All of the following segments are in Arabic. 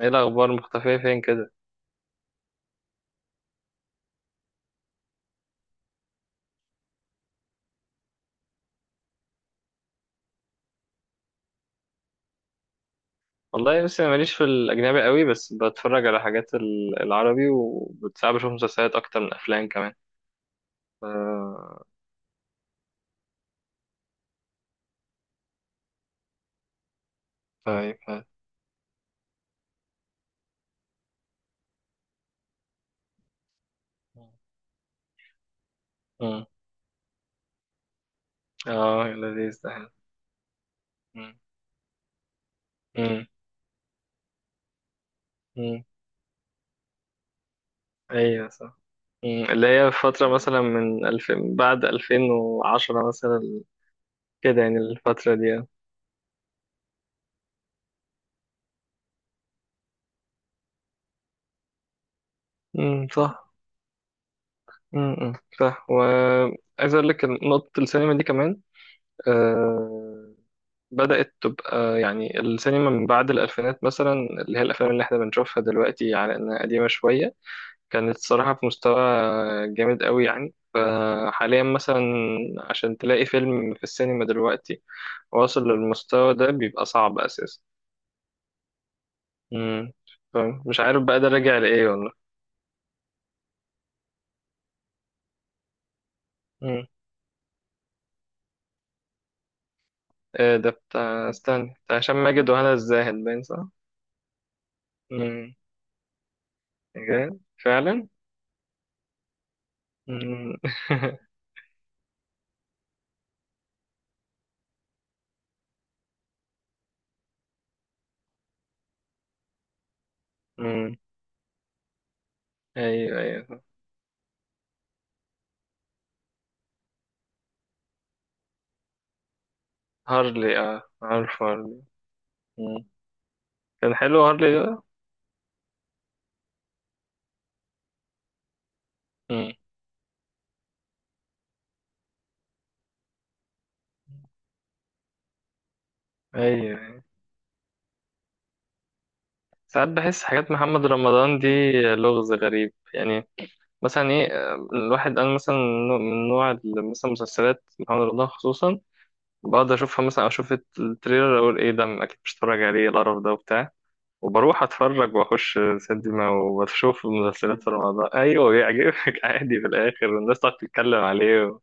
ايه الاخبار مختفيه فين كده. والله بس انا ماليش في الاجنبي قوي، بس بتفرج على حاجات العربي، وبتساعد بشوف مسلسلات اكتر من افلام كمان. ف طيب ف... مم. اه لذيذ، ده حلو. مم. مم. مم. ايوه صح. اللي هي فترة مثلا من 2000، بعد 2010 مثلا، كده يعني الفترة دي. صح. امم صح. وعايز أقول لك إن نقطة السينما دي كمان، آه، بدأت تبقى يعني السينما من بعد الألفينات مثلا، اللي هي الأفلام اللي احنا بنشوفها دلوقتي على إنها قديمة شوية، كانت صراحة في مستوى جامد قوي. يعني فحاليا مثلا عشان تلاقي فيلم في السينما دلوقتي واصل للمستوى ده بيبقى صعب أساسا. مم. فمش عارف بقى ده راجع لإيه والله. مم. إيه ده بتاع، استنى، بتاع هشام ماجد وهنا الزاهد باين صح؟ مم. إيه؟ ده؟ فعلا؟ مم. مم. أيوه أيوه. هارلي، اه عارف هارلي. مم. كان حلو هارلي ده. مم. ايوه. ساعات بحس حاجات محمد رمضان دي لغز غريب يعني. مثلا ايه، الواحد انا مثلا، من نوع مثلا مسلسلات محمد رمضان خصوصا، بقعد اشوفها، مثلا اشوف التريلر اقول ايه ده، اكيد مش هتفرج عليه القرف ده وبتاع، وبروح اتفرج واخش سينما وبشوف مسلسلات في رمضان. ايوه بيعجبك، عادي في الاخر، والناس تقعد تتكلم عليه،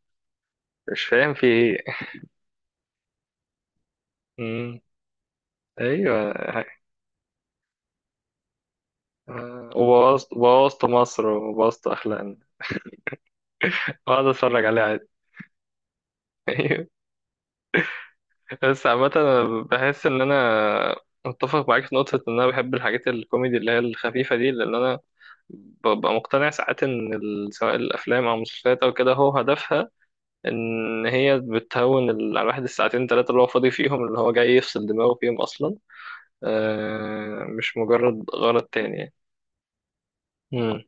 مش فاهم في ايه. مم. ايوه. وبوظت، وبوظت مصر وبوظت أخلاقنا، وأقعد أتفرج عليه عادي. أيوة. بس عامة أنا بحس إن أنا متفق معاك في نقطة، إن أنا بحب الحاجات الكوميدي اللي هي الخفيفة دي، لأن أنا ببقى مقتنع ساعات إن سواء الأفلام أو المسلسلات أو كده هو هدفها إن هي بتهون على الواحد الساعتين تلاتة اللي هو فاضي فيهم، اللي هو جاي يفصل دماغه فيهم أصلا، مش مجرد غرض تاني يعني. مم.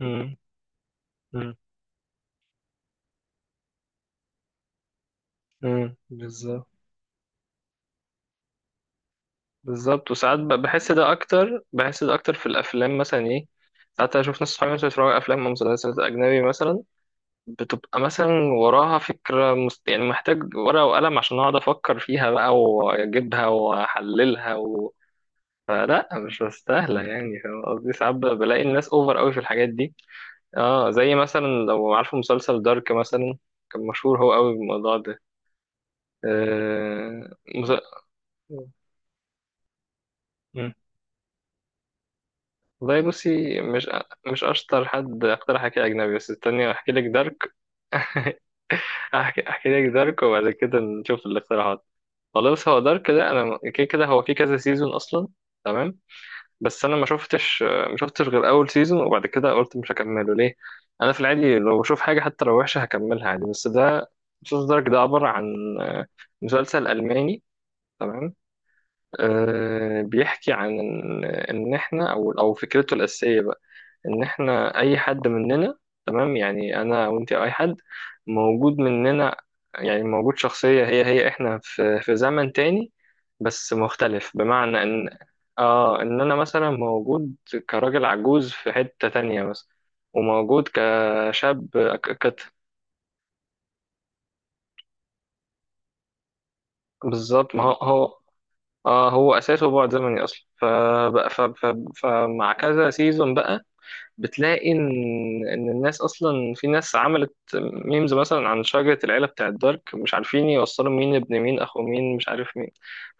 مم. مم. بالظبط. بالظبط، وساعات بحس ده اكتر، بحس ده اكتر في الافلام مثلا، ايه، ساعات اشوف ناس صحابي مثلا بيتفرجوا على افلام ومسلسلات اجنبي مثلا، بتبقى مثلا وراها فكره يعني محتاج ورقه وقلم عشان اقعد افكر فيها بقى واجيبها واحللها فلا مش مستاهله يعني، فاهم قصدي؟ ساعات بلاقي الناس اوفر قوي في الحاجات دي. اه، زي مثلا لو عارفه مسلسل دارك مثلا، كان مشهور هو قوي بالموضوع ده. آه... مس... والله بصي، مش اشطر حد اقترح حكي اجنبي، بس استني احكي لك دارك. احكي، احكي لك دارك وبعد كده نشوف الاقتراحات. خلاص، هو دارك ده انا كده كده هو في كذا سيزون اصلا، تمام، بس انا ما شفتش غير اول سيزون، وبعد كده قلت مش هكمله ليه؟ انا في العادي لو بشوف حاجه حتى لو وحشه هكملها عادي، بس ده مسلسل دارك ده عباره عن مسلسل الماني، تمام؟ أه بيحكي عن ان، إن احنا او فكرته الاساسيه ان احنا اي حد مننا، تمام، يعني انا وانت أو اي حد موجود مننا، يعني موجود شخصية هي هي احنا في زمن تاني، بس مختلف، بمعنى ان، اه ان انا مثلا موجود كراجل عجوز في حتة تانية مثلا، وموجود كشاب، ك- كت بالظبط. ما هو هو، اه هو اساسه بعد زمني اصلا، فبقى- ف ف فمع كذا سيزون بقى بتلاقي ان الناس اصلا، في ناس عملت ميمز مثلا عن شجرة العيلة بتاعت دارك، مش عارفين يوصلوا مين ابن مين، اخو مين، مش عارف مين.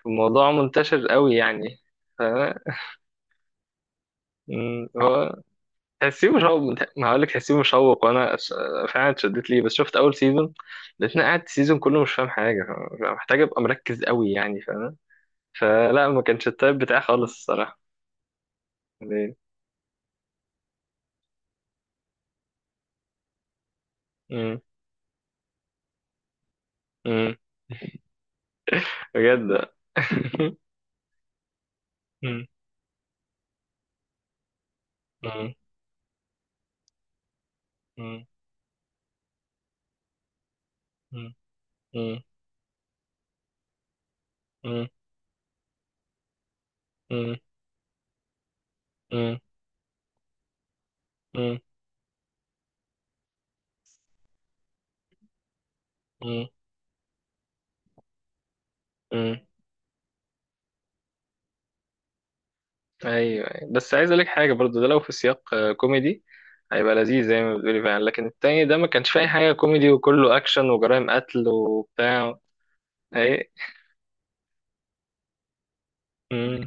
الموضوع منتشر قوي يعني. ف هو تحسيه مشوق. ما هقول لك تحسيه مشوق، وانا فعلا اتشدت ليه، بس شفت اول سيزون لقيتني قاعد السيزون كله مش فاهم حاجة، محتاج ابقى مركز قوي يعني، فاهم؟ فلا، ما كانش التايب بتاعي خالص الصراحة. ليه؟ مم، مم، بجد. مم، مم، مم. مم. مم. مم. مم. مم. مم. مم. ايوه أيوة. بس عايز اقول لك حاجه برضو، ده لو في سياق كوميدي هيبقى لذيذ زي ما بتقولي فعلا، لكن التاني ده ما كانش فيه اي حاجه كوميدي، وكله اكشن وجرائم قتل وبتاع. اي. مم.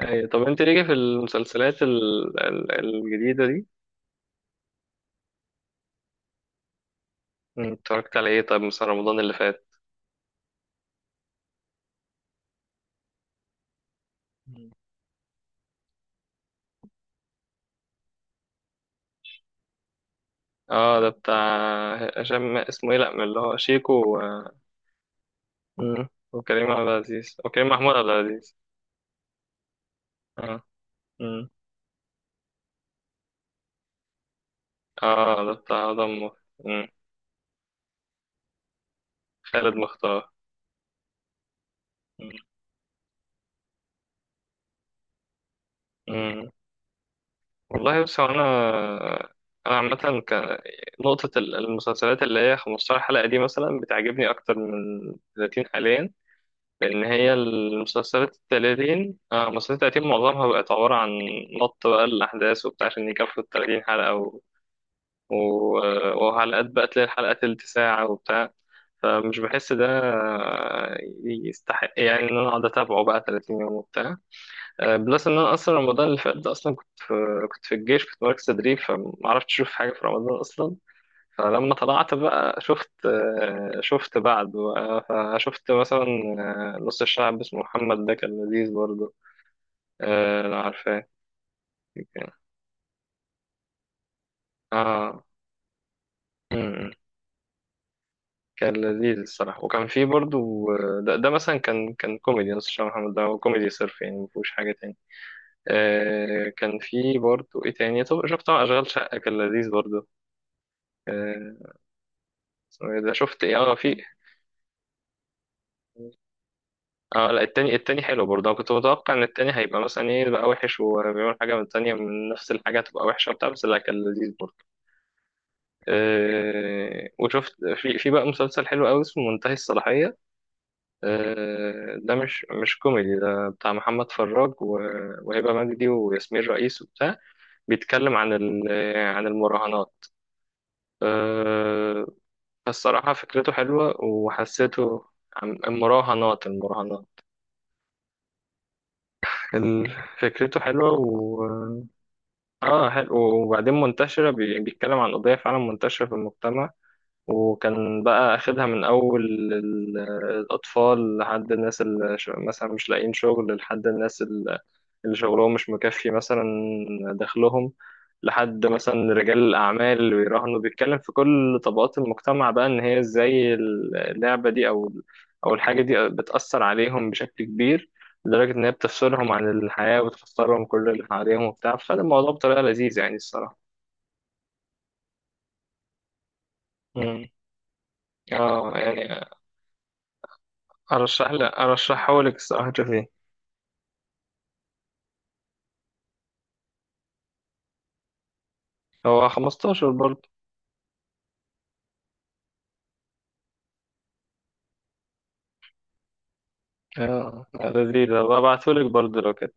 اي، طب انت ليه في المسلسلات الجديده دي اتفرجت على ايه؟ طب مثلا رمضان اللي فات. مم. اه ده بتاع هشام، اسمه ايه، لا، من اللي هو شيكو مم. وكريم عبد العزيز، وكريم محمود عبد العزيز. اه. اه ده بتاع آدم مم. خالد مختار. مم. مم. والله بس هو انا، انا عامة كان نقطة المسلسلات اللي هي 15 حلقة دي مثلا بتعجبني أكتر من 30 حاليا، لأن هي المسلسلات ال 30، آه مسلسلات 30 معظمها بقت عبارة عن نط بقى الأحداث وبتاع عشان يكفوا ال 30 حلقة و... وحلقات بقى تلاقي الحلقة تلت ساعة وبتاع، فمش بحس ده يستحق يعني إن أنا أقعد أتابعه بقى 30 يوم وبتاع. بلس ان انا اصلا رمضان اللي فات ده اصلا كنت في الجيش، كنت مركز تدريب، فما عرفتش اشوف حاجه في رمضان اصلا. فلما طلعت بقى شفت، شفت بعد بقى. فشفت مثلا نص الشعب اسمه محمد، ده كان لذيذ برضه، لو عارفاه. كان- اه. أمم. كان لذيذ الصراحه. وكان في برضه، ده مثلا كان، كوميدي. نص الشعب محمد ده هو كوميدي صرف يعني، ما فيهوش حاجه تاني. كان في برضه ايه تاني، طب شفت طبعا اشغال شقه، كان لذيذ برضه. آه، ده شفت ايه؟ اه في. اه لا، التاني، التاني حلو برضه، انا كنت متوقع ان التاني هيبقى مثلا ايه بقى وحش، وبيعمل حاجه من التانيه من نفس الحاجه تبقى وحشه وبتاع، بس لا كان لذيذ برضه. آه وشفت، في بقى مسلسل حلو قوي اسمه منتهي الصلاحيه، آه ده مش كوميدي، ده بتاع محمد فراج وهبه مجدي وياسمين رئيس وبتاع. بيتكلم عن عن المراهنات، آه. فالصراحه فكرته حلوه، وحسيته، المراهنات ال- فكرته حلوة و، اه حلو، وبعدين منتشرة، بيتكلم عن قضية فعلا منتشرة في المجتمع، وكان بقى أخدها من أول ال- الأطفال، لحد الناس اللي مثلا مش لاقيين شغل، لحد الناس اللي شغلهم مش مكفي مثلا دخلهم، لحد مثلا رجال الأعمال اللي بيراهنوا. بيتكلم في كل طبقات المجتمع بقى إن هي إزاي اللعبة دي أو الحاجة دي بتأثر عليهم بشكل كبير، لدرجة إن هي بتفصلهم عن الحياة وبتخسرهم كل اللي حواليهم وبتاع، فده الموضوع بطريقة لذيذة يعني الصراحة. مم. اه يعني، أرشح لك، أرشحه لك الصراحة تشوفيه. هو 15 برضه. اه لذيذ، هبقى أبعتهولك برضه لو كده.